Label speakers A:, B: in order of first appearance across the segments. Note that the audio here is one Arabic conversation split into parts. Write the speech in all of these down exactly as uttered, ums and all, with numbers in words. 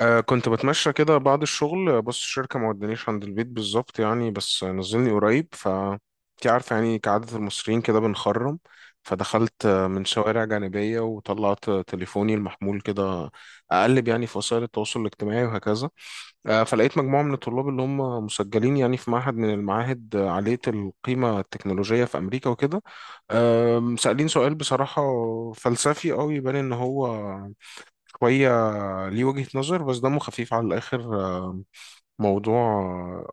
A: أه كنت بتمشى كده بعد الشغل. بص، الشركة ما ودانيش عند البيت بالظبط يعني، بس نزلني قريب. ف انت عارفة يعني كعادة المصريين كده بنخرم. فدخلت آه، من شوارع جانبية وطلعت تليفوني المحمول كده أقلب يعني في وسائل التواصل الاجتماعي وهكذا. آه، فلقيت مجموعة من الطلاب اللي هم مسجلين يعني في معهد من المعاهد، آه، عالية القيمة التكنولوجية في أمريكا وكده. آم، سألين سؤال بصراحة فلسفي أوي، يبان إن هو شوية ليه وجهة نظر بس دمه خفيف على الآخر. آه، موضوع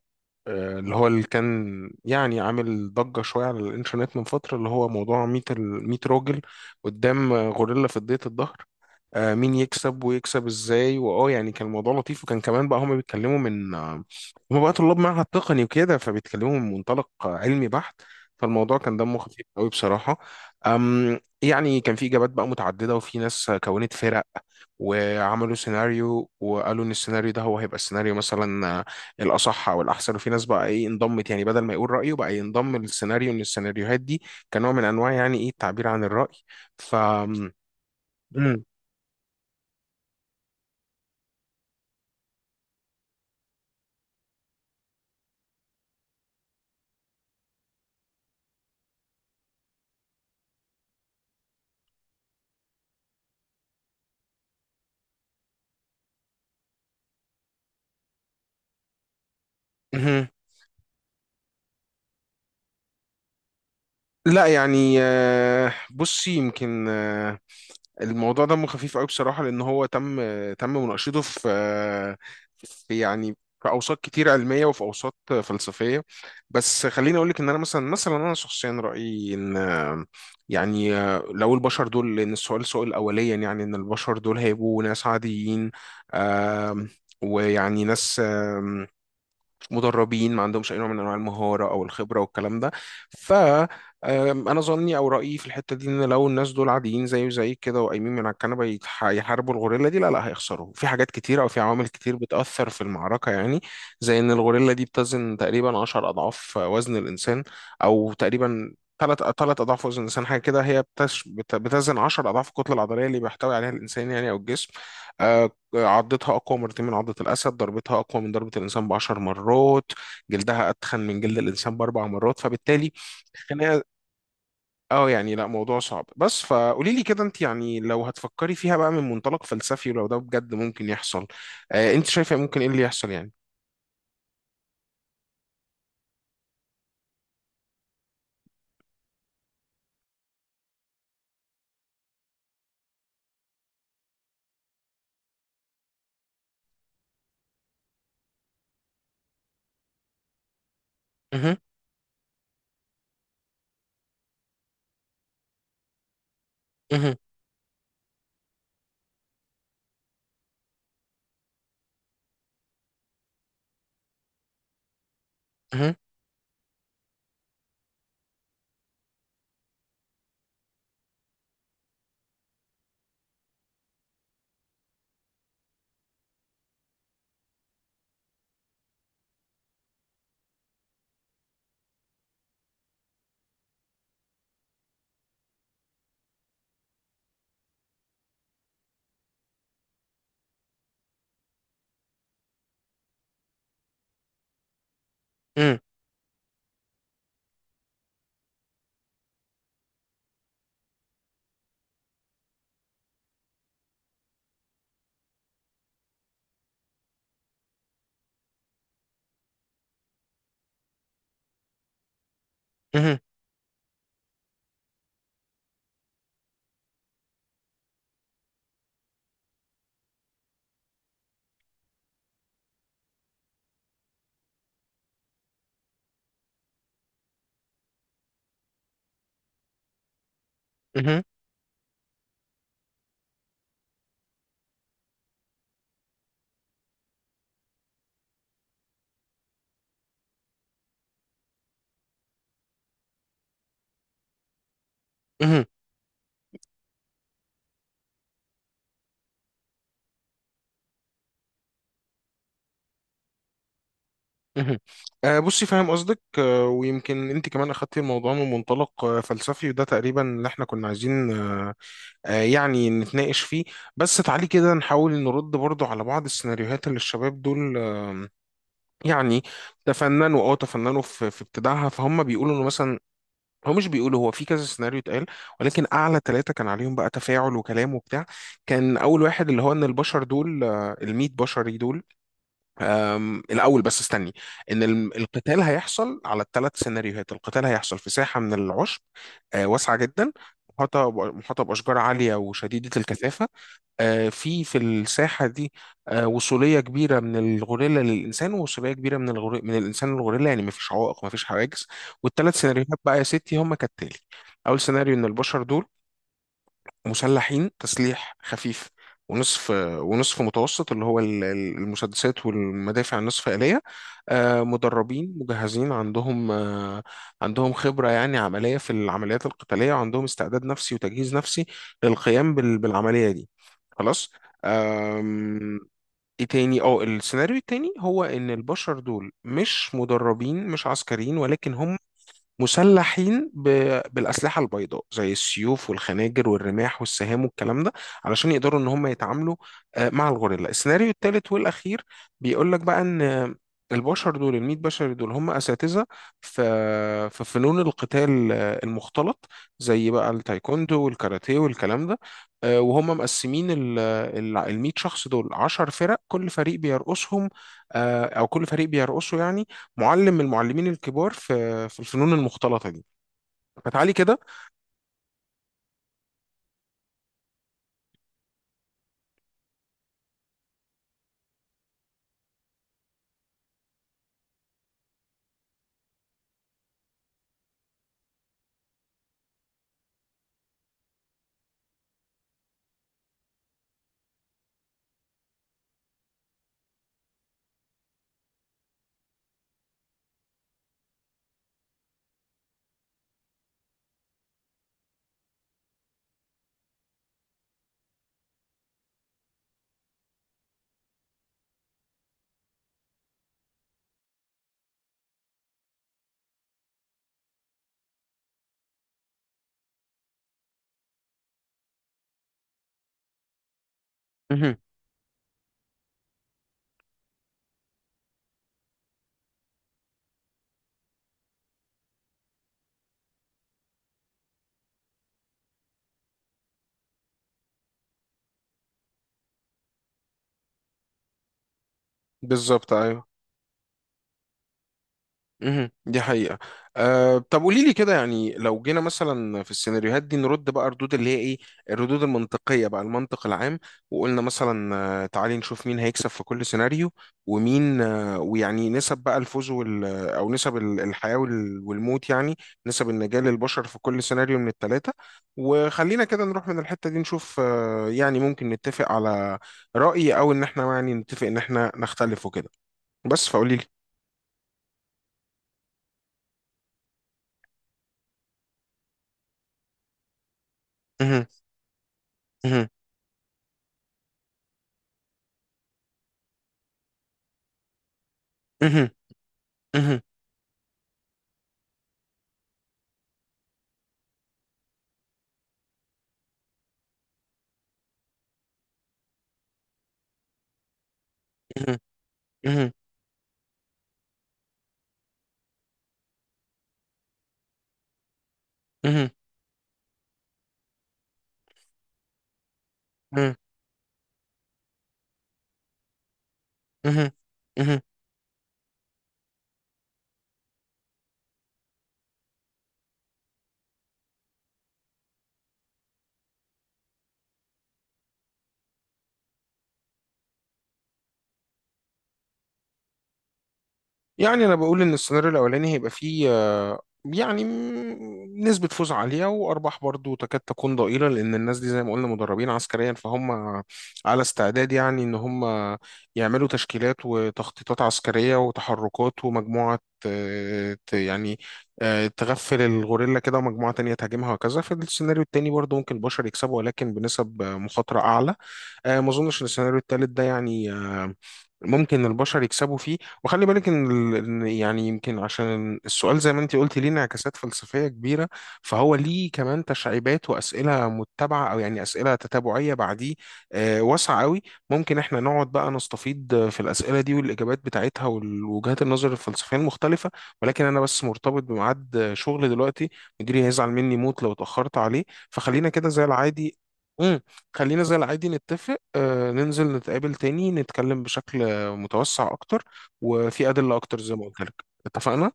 A: آه، اللي هو اللي كان يعني عامل ضجة شوية على الإنترنت من فترة، اللي هو موضوع مية، ال- مية راجل قدام آه، غوريلا في ضيط الظهر، آه، مين يكسب ويكسب ازاي، واه يعني كان الموضوع لطيف. وكان كمان بقى هما بيتكلموا من آه، هما بقى طلاب معهد تقني وكده، فبيتكلموا من منطلق آه، علمي بحت. فالموضوع كان دمه خفيف قوي بصراحة. أم يعني كان في إجابات بقى متعددة، وفي ناس آه، كونت فرق وعملوا سيناريو وقالوا إن السيناريو ده هو هيبقى السيناريو مثلا آه، الأصح أو الأحسن. وفي ناس بقى إيه انضمت، يعني بدل ما يقول رأيه بقى ينضم للسيناريو، إن السيناريوهات دي كنوع من أنواع يعني إيه التعبير عن الرأي. ف مم. لا يعني، آه، بصي، يمكن آه، الموضوع دمه خفيف قوي بصراحة، لأن هو تم آه، تم مناقشته في آه، في يعني في أوساط كتير علمية، وفي أوساط آه، فلسفية. بس خليني أقولك إن أنا، مثلا مثلا أنا شخصيا رأيي إن آه، يعني آه، لو البشر دول، لأن السؤال سؤال أوليا يعني، إن البشر دول هيبقوا ناس عاديين، آم، ويعني ناس مدربين ما عندهمش اي نوع من انواع المهاره او الخبره والكلام ده. ف آم، انا ظني او رايي في الحته دي، ان لو الناس دول عاديين زي وزي كده وقايمين من على الكنبه، يتح- يحاربوا الغوريلا دي، لا لا، هيخسروا في حاجات كتيره او في عوامل كتير بتاثر في المعركه يعني. زي ان الغوريلا دي بتزن تقريبا عشرة اضعاف وزن الانسان، او تقريبا ثلاث ثلاث اضعاف وزن الانسان حاجه كده. هي بتش... بت- بتزن عشرة اضعاف الكتله العضليه اللي بيحتوي عليها الانسان يعني، او الجسم. آه، عضتها أقوى مرتين من عضة الأسد، ضربتها أقوى من ضربة الإنسان بعشر مرات، جلدها أتخن من جلد الإنسان بأربع مرات، فبالتالي خناقة. اه يعني، لا، موضوع صعب. بس فقولي لي كده، انت يعني لو هتفكري فيها بقى من منطلق فلسفي، ولو ده بجد ممكن يحصل، آه انت شايفة ممكن ايه اللي يحصل يعني؟ مهم، مهم، مهم، مهم، مهم، مهم، مهم، مهم. آه بصي، فاهم قصدك. آه ويمكن انت كمان اخدتي الموضوع من منطلق آه فلسفي، وده تقريبا اللي احنا كنا عايزين آه آه، يعني نتناقش فيه. بس تعالي كده نحاول نرد برضو على بعض السيناريوهات اللي الشباب دول آم، يعني تفننوا او تفننوا في في ابتداعها. فهم بيقولوا انه مثلا، هو مش بيقولوا هو في كذا سيناريو اتقال، ولكن اعلى ثلاثة كان عليهم بقى تفاعل وكلام وبتاع. كان اول واحد اللي هو ان البشر دول، آه، الميت بشري دول، آم، الاول بس استني. ان ال- القتال هيحصل على الثلاث سيناريوهات. القتال هيحصل في ساحة من العشب آه، واسعة جدا، محاطة محاطة بأشجار عالية وشديدة الكثافة. آه، في في الساحة دي آه، وصولية كبيرة من الغوريلا للإنسان، ووصولية كبيرة من الغور... من الإنسان للغوريلا، يعني مفيش عوائق مفيش حواجز. والثلاث سيناريوهات بقى يا ستي هم كالتالي. أول سيناريو، إن البشر دول مسلحين تسليح خفيف ونصف ونصف متوسط، اللي هو ال- ال- المسدسات والمدافع النصف آلية، آه، مدربين مجهزين عندهم آه، عندهم خبرة يعني عملية في العمليات القتالية، وعندهم استعداد نفسي وتجهيز نفسي للقيام بال- بالعملية دي. خلاص. آم، ايه تاني، اه السيناريو التاني هو ان البشر دول مش مدربين مش عسكريين، ولكن هم مسلحين ب- بالأسلحة البيضاء زي السيوف والخناجر والرماح والسهام والكلام ده، علشان يقدروا إن هم يتعاملوا آه، مع الغوريلا. السيناريو الثالث والأخير بيقول لك بقى إن البشر دول، الميت بشر دول، هم أساتذة في في فنون القتال آه، المختلط، زي بقى التايكوندو والكاراتيه والكلام ده. آه، وهم مقسمين ال ال- الميت شخص دول عشر فرق، كل فريق بيرقصهم آه، أو كل فريق بيرقصه يعني معلم من المعلمين الكبار في في الفنون المختلطة دي. فتعالي كده. مهم. بالظبط ايوه. مهم. دي حقيقة. أه طب قولي لي كده، يعني لو جينا مثلا في السيناريوهات دي نرد بقى ردود اللي هي ايه الردود المنطقية، بقى المنطق العام. وقلنا مثلا آه، تعالي نشوف مين هيكسب في كل سيناريو، ومين آه، ويعني نسب بقى الفوز وال آه، او نسب ال- الحياة وال- والموت يعني، نسب النجاة للبشر في كل سيناريو من الثلاثة. وخلينا كده نروح من الحتة دي نشوف آه، يعني ممكن نتفق على رأي، او ان احنا يعني نتفق ان احنا نختلف وكده. بس فقولي لي. مهم. مهم. مهم. مهم. مهم. مهم. مهم. مهم. مهم. يعني انا بقول ان السيناريو الاولاني هيبقى فيه آه، يعني م- نسبة فوز عالية وأرباح برضو تكاد تكون ضئيلة، لأن الناس دي زي ما قلنا مدربين عسكريا، فهم على استعداد يعني إن هم يعملوا تشكيلات وتخطيطات عسكرية وتحركات. ومجموعة آه، ت- يعني آه، تغفل الغوريلا كده، ومجموعة تانية تهاجمها وكذا. في السيناريو التاني برضو ممكن البشر يكسبوا، ولكن بنسب آه، مخاطرة أعلى. آه، ما اظنش ان السيناريو التالت ده يعني آه، ممكن البشر يكسبوا فيه. وخلي بالك ان ال- إن يعني يمكن، عشان السؤال زي ما انت قلتي ليه انعكاسات فلسفية كبيرة، فهو ليه كمان تشعيبات وأسئلة متبعة، او يعني أسئلة تتابعية بعديه آه، واسعة قوي. ممكن احنا نقعد بقى نستفيد في الأسئلة دي والإجابات بتاعتها والوجهات النظر الفلسفية المختلفة، ولكن انا بس مرتبط بميعاد شغل دلوقتي، مديري هيزعل مني موت لو اتأخرت عليه. فخلينا كده زي العادي. مم. خلينا زي العادي نتفق آه، ننزل نتقابل تاني، نتكلم بشكل آه، متوسع أكتر وفي أدلة أكتر زي ما قلت لك. اتفقنا؟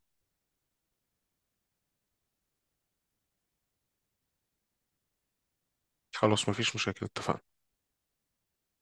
A: خلاص، مفيش مشاكل، اتفقنا.